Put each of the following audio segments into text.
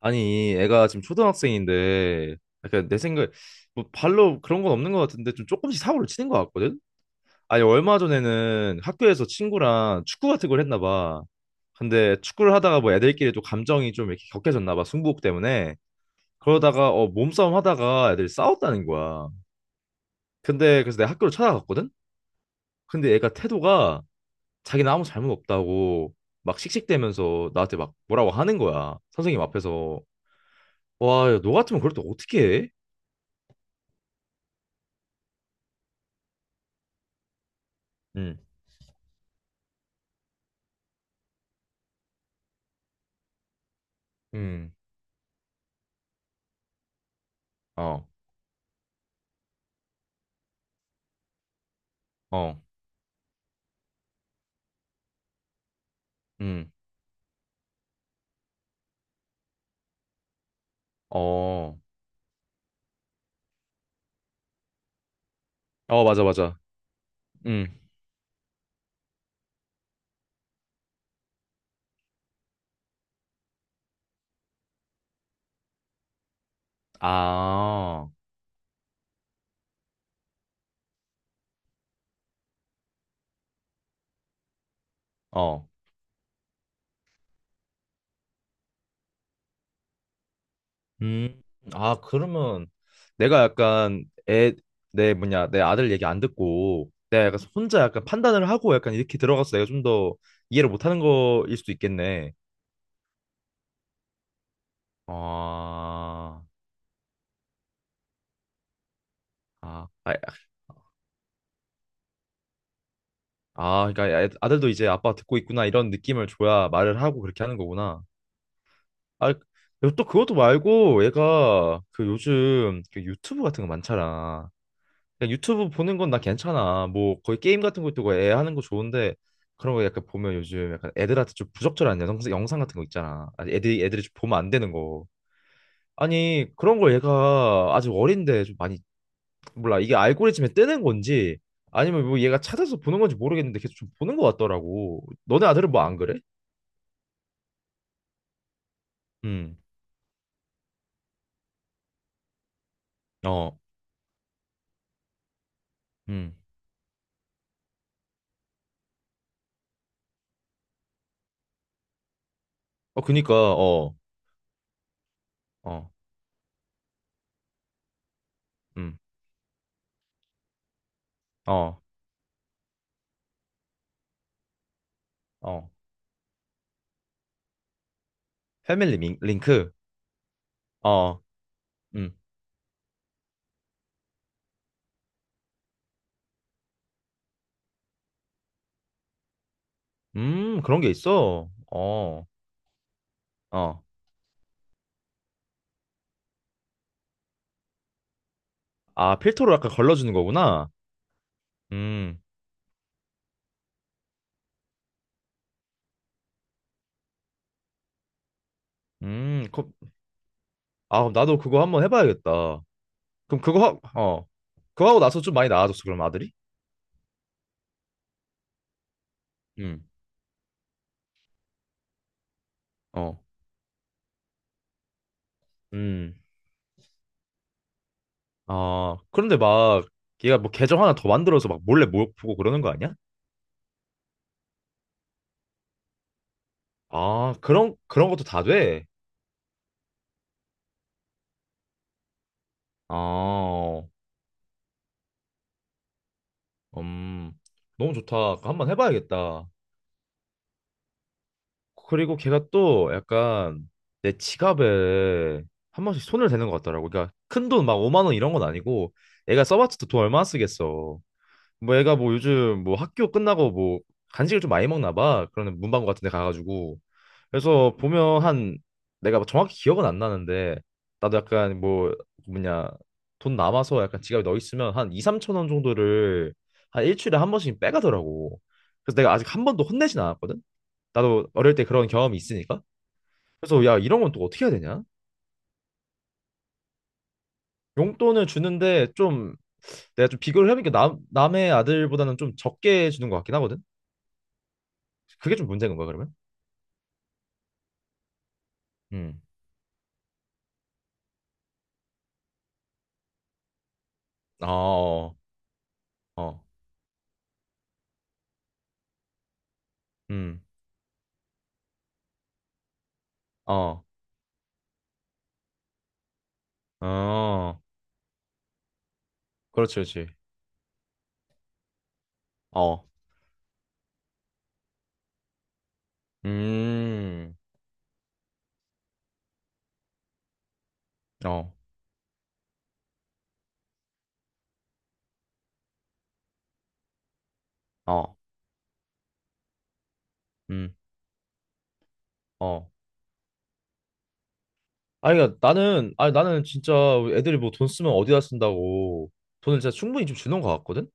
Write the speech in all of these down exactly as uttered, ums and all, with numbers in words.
아니, 애가 지금 초등학생인데, 약간 내 생각에, 뭐 발로 그런 건 없는 것 같은데, 좀 조금씩 사고를 치는 것 같거든? 아니, 얼마 전에는 학교에서 친구랑 축구 같은 걸 했나 봐. 근데 축구를 하다가 뭐 애들끼리 또 감정이 좀 이렇게 격해졌나 봐, 승부욕 때문에. 그러다가, 어, 몸싸움 하다가 애들이 싸웠다는 거야. 근데 그래서 내가 학교를 찾아갔거든? 근데 애가 태도가 자기는 아무 잘못 없다고 막 씩씩대면서 나한테 막 뭐라고 하는 거야. 선생님 앞에서. 와, 야, 너 같으면 그럴 때 어떻게 해? 음. 음, 어, 어, 음, 어, 어, 맞아, 맞아. 음, 아, 어, 음, 아, 그러면 내가 약간 애, 내 뭐냐, 내 아들 얘기 안 듣고 내가 약간 혼자 약간 판단을 하고 약간 이렇게 들어가서 내가 좀 더 이해를 못하는 거일 수도 있겠네. 아, 아, 아, 아, 그러니까 애- 아들도 이제 아빠 듣고 있구나 이런 느낌을 줘야 말을 하고 그렇게 하는 거구나. 아, 그리고 또 그것도 말고 얘가 그 요즘 그 유튜브 같은 거 많잖아. 그냥 유튜브 보는 건 나 괜찮아. 뭐 거의 게임 같은 것도 그애 하는 거 좋은데 그런 거 약간 보면 요즘 약간 애들한테 좀 부적절한 영- 영상 같은 거 있잖아. 아니, 애들이 애들이 좀 보면 안 되는 거. 아니 그런 걸 얘가 아직 어린데 좀 많이 몰라 이게 알고리즘에 뜨는 건지 아니면 뭐 얘가 찾아서 보는 건지 모르겠는데 계속 좀 보는 것 같더라고. 너네 아들은 뭐 안 그래? 음, 어, 음, 어 그니까 어, 어, 음. 어, 어, 패밀리 민- 링크, 어, 음, 음, 그런 게 있어. 어, 어, 아, 필터로 약간 걸러주는 거구나. 음, 음, 그, 아, 그럼 나도 그거 한번 해봐야겠다. 그럼 그거 하, 어, 그거 하고 나서 좀 많이 나아졌어, 그럼 아들이? 음, 어, 음, 아, 그런데 막 얘가 뭐 계정 하나 더 만들어서 막 몰래 모 보고 그러는 거 아니야? 아, 그런 그런 것도 다 돼. 아, 음, 너무 좋다. 한번 해봐야겠다. 그리고 걔가 또 약간 내 지갑에 한 번씩 손을 대는 것 같더라고. 그러니까 큰 돈 막 오만 원 이런 건 아니고 애가 써봤자 또 돈 얼마나 쓰겠어. 뭐 애가 뭐 요즘 뭐 학교 끝나고 뭐 간식을 좀 많이 먹나 봐. 그러는 문방구 같은 데 가가지고. 그래서 보면 한 내가 정확히 기억은 안 나는데 나도 약간 뭐 뭐냐 돈 남아서 약간 지갑에 넣어 있으면 한 이, 삼천 원 정도를 한 일주일에 한 번씩 빼가더라고. 그래서 내가 아직 한 번도 혼내진 않았거든. 나도 어릴 때 그런 경험이 있으니까. 그래서 야, 이런 건 또 어떻게 해야 되냐? 용돈을 주는데 좀 내가 좀 비교를 해보니까 남, 남의 아들보다는 좀 적게 주는 것 같긴 하거든? 그게 좀 문제인 건가, 그러면? 음. 어, 어, 어, 음, 어, 어, 그렇지, 그렇지. 어, 음, 어, 어, 음, 어. 아니, 그러니까 나는, 아니, 나는 진짜 애들이 뭐 돈 쓰면 어디다 쓴다고 돈을 진짜 충분히 좀 주는 것 같거든?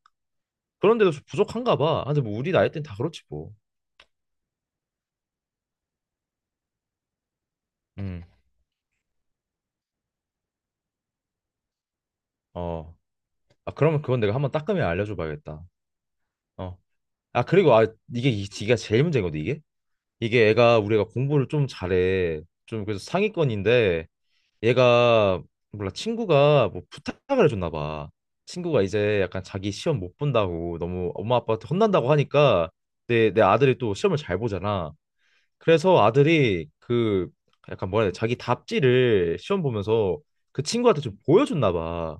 그런데도 좀 부족한가 봐. 아, 근데 뭐 우리 나이 때는 다 그렇지 뭐. 음. 어. 아, 그러면 그건 내가 한번 따끔히 알려줘 봐야겠다. 어. 아, 그리고 아, 이게 이- 이게 제일 문제거든, 이게. 이게 애가 우리가 공부를 좀 잘해. 좀 그래서 상위권인데 얘가 몰라 친구가 뭐 부탁을 해줬나 봐. 친구가 이제 약간 자기 시험 못 본다고 너무 엄마 아빠한테 혼난다고 하니까 내 내 아들이 또 시험을 잘 보잖아. 그래서 아들이 그 약간 뭐라 해야 돼? 자기 답지를 시험 보면서 그 친구한테 좀 보여줬나 봐.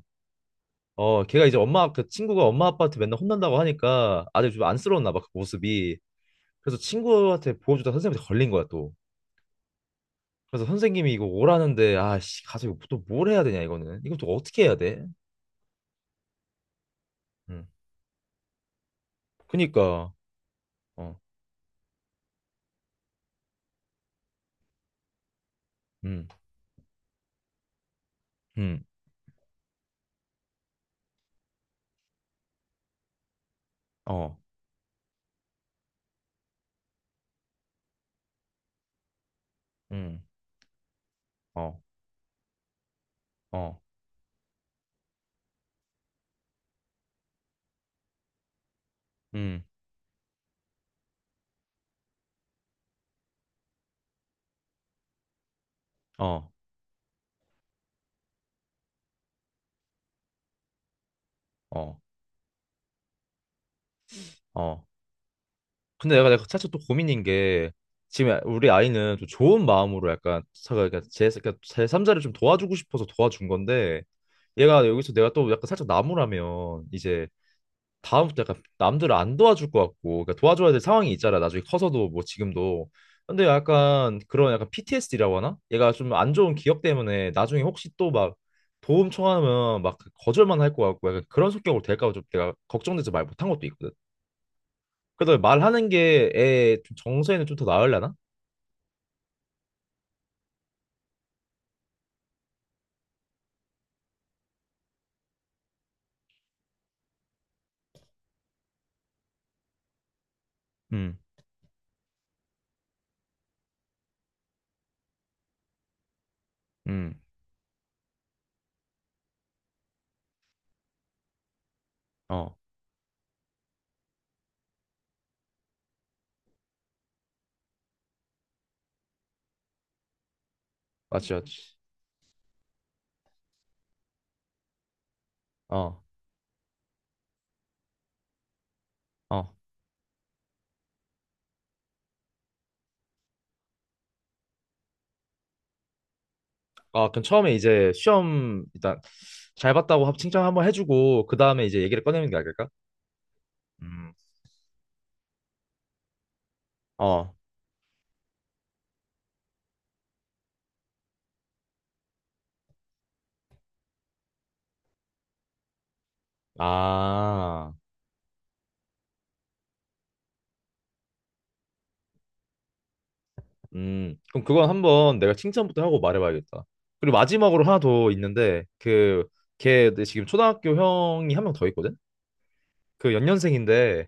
어, 걔가 이제 엄마, 그 친구가 엄마 아빠한테 맨날 혼난다고 하니까 아들 좀 안쓰러웠나 봐, 그 모습이. 그래서 친구한테 보여주다 선생님한테 걸린 거야, 또. 그래서 선생님이 이거 오라는데, 아, 씨, 가서 이거 또 뭘 해야 되냐, 이거는. 이거 또 어떻게 해야 돼? 음. 그니까, 어, 음, 음, 어, 음, 어, 어, 음, 어, 어, 어. 근데 내가 내가 사실 또 고민인 게 지금 우리 아이는 좀 좋은 마음으로 약간 제가 제 그러니까 제삼자를 좀 도와주고 싶어서 도와준 건데 얘가 여기서 내가 또 약간 살짝 나무라면 이제 다음부터 약간 남들을 안 도와줄 것 같고 그러니까 도와줘야 될 상황이 있잖아 나중에 커서도 뭐 지금도 근데 약간 그런 약간 피티에스디라고 하나? 얘가 좀 안 좋은 기억 때문에 나중에 혹시 또 막 도움 청하면 막 거절만 할 것 같고 약간 그런 성격으로 될까 봐 좀 내가 걱정돼서 말 못한 것도 있거든. 그래도 말하는 게 애 정서에는 좀 더 나으려나? 음, 음, 어, 맞지, 맞지. 어, 어, 아, 그럼 처음에 이제 시험 일단 잘 봤다고 합- 칭찬 한번 해주고 그 다음에 이제 얘기를 꺼내는 게 나을까? 음, 어, 아, 음, 그럼 그건 한번 내가 칭찬부터 하고 말해봐야겠다. 그리고 마지막으로 하나 더 있는데, 그, 걔 지금 초등학교 형이 한 명 더 있거든? 그 연년생인데,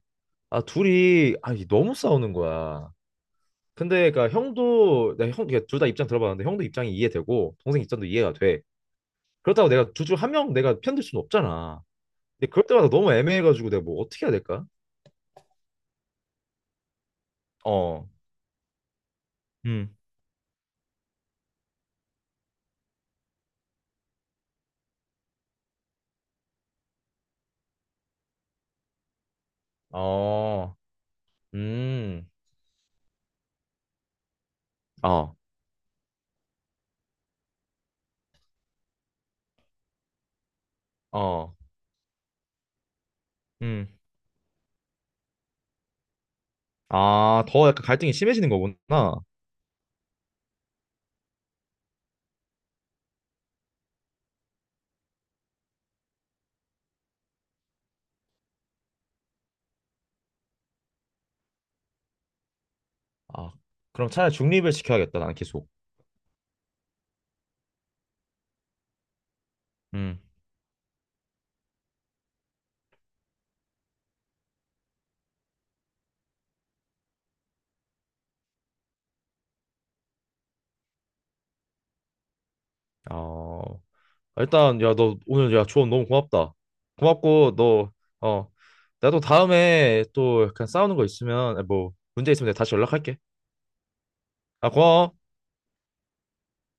아, 둘이, 아, 이게 너무 싸우는 거야. 근데 그러니까 형도 내가 형 둘 다 입장 들어봤는데 형도 입장이 이해되고 동생 입장도 이해가 돼. 그렇다고 내가 둘 중 한 명 내가 편들 수는 없잖아. 근데 그럴 때마다 너무 애매해가지고 내가 뭐 어떻게 해야 될까? 어, 음, 어, 음, 어, 어, 음. 아, 더 약간 갈등이 심해지는 거구나. 아, 그럼 차라리 중립을 시켜야겠다. 나는 계속. 음, 어. 아, 일단 야 너 오늘 야 조언 너무 고맙다. 고맙고 너 어 나도 다음에 또 그냥 싸우는 거 있으면 아, 뭐 문제 있으면 내가 다시 연락할게. 아 고마워.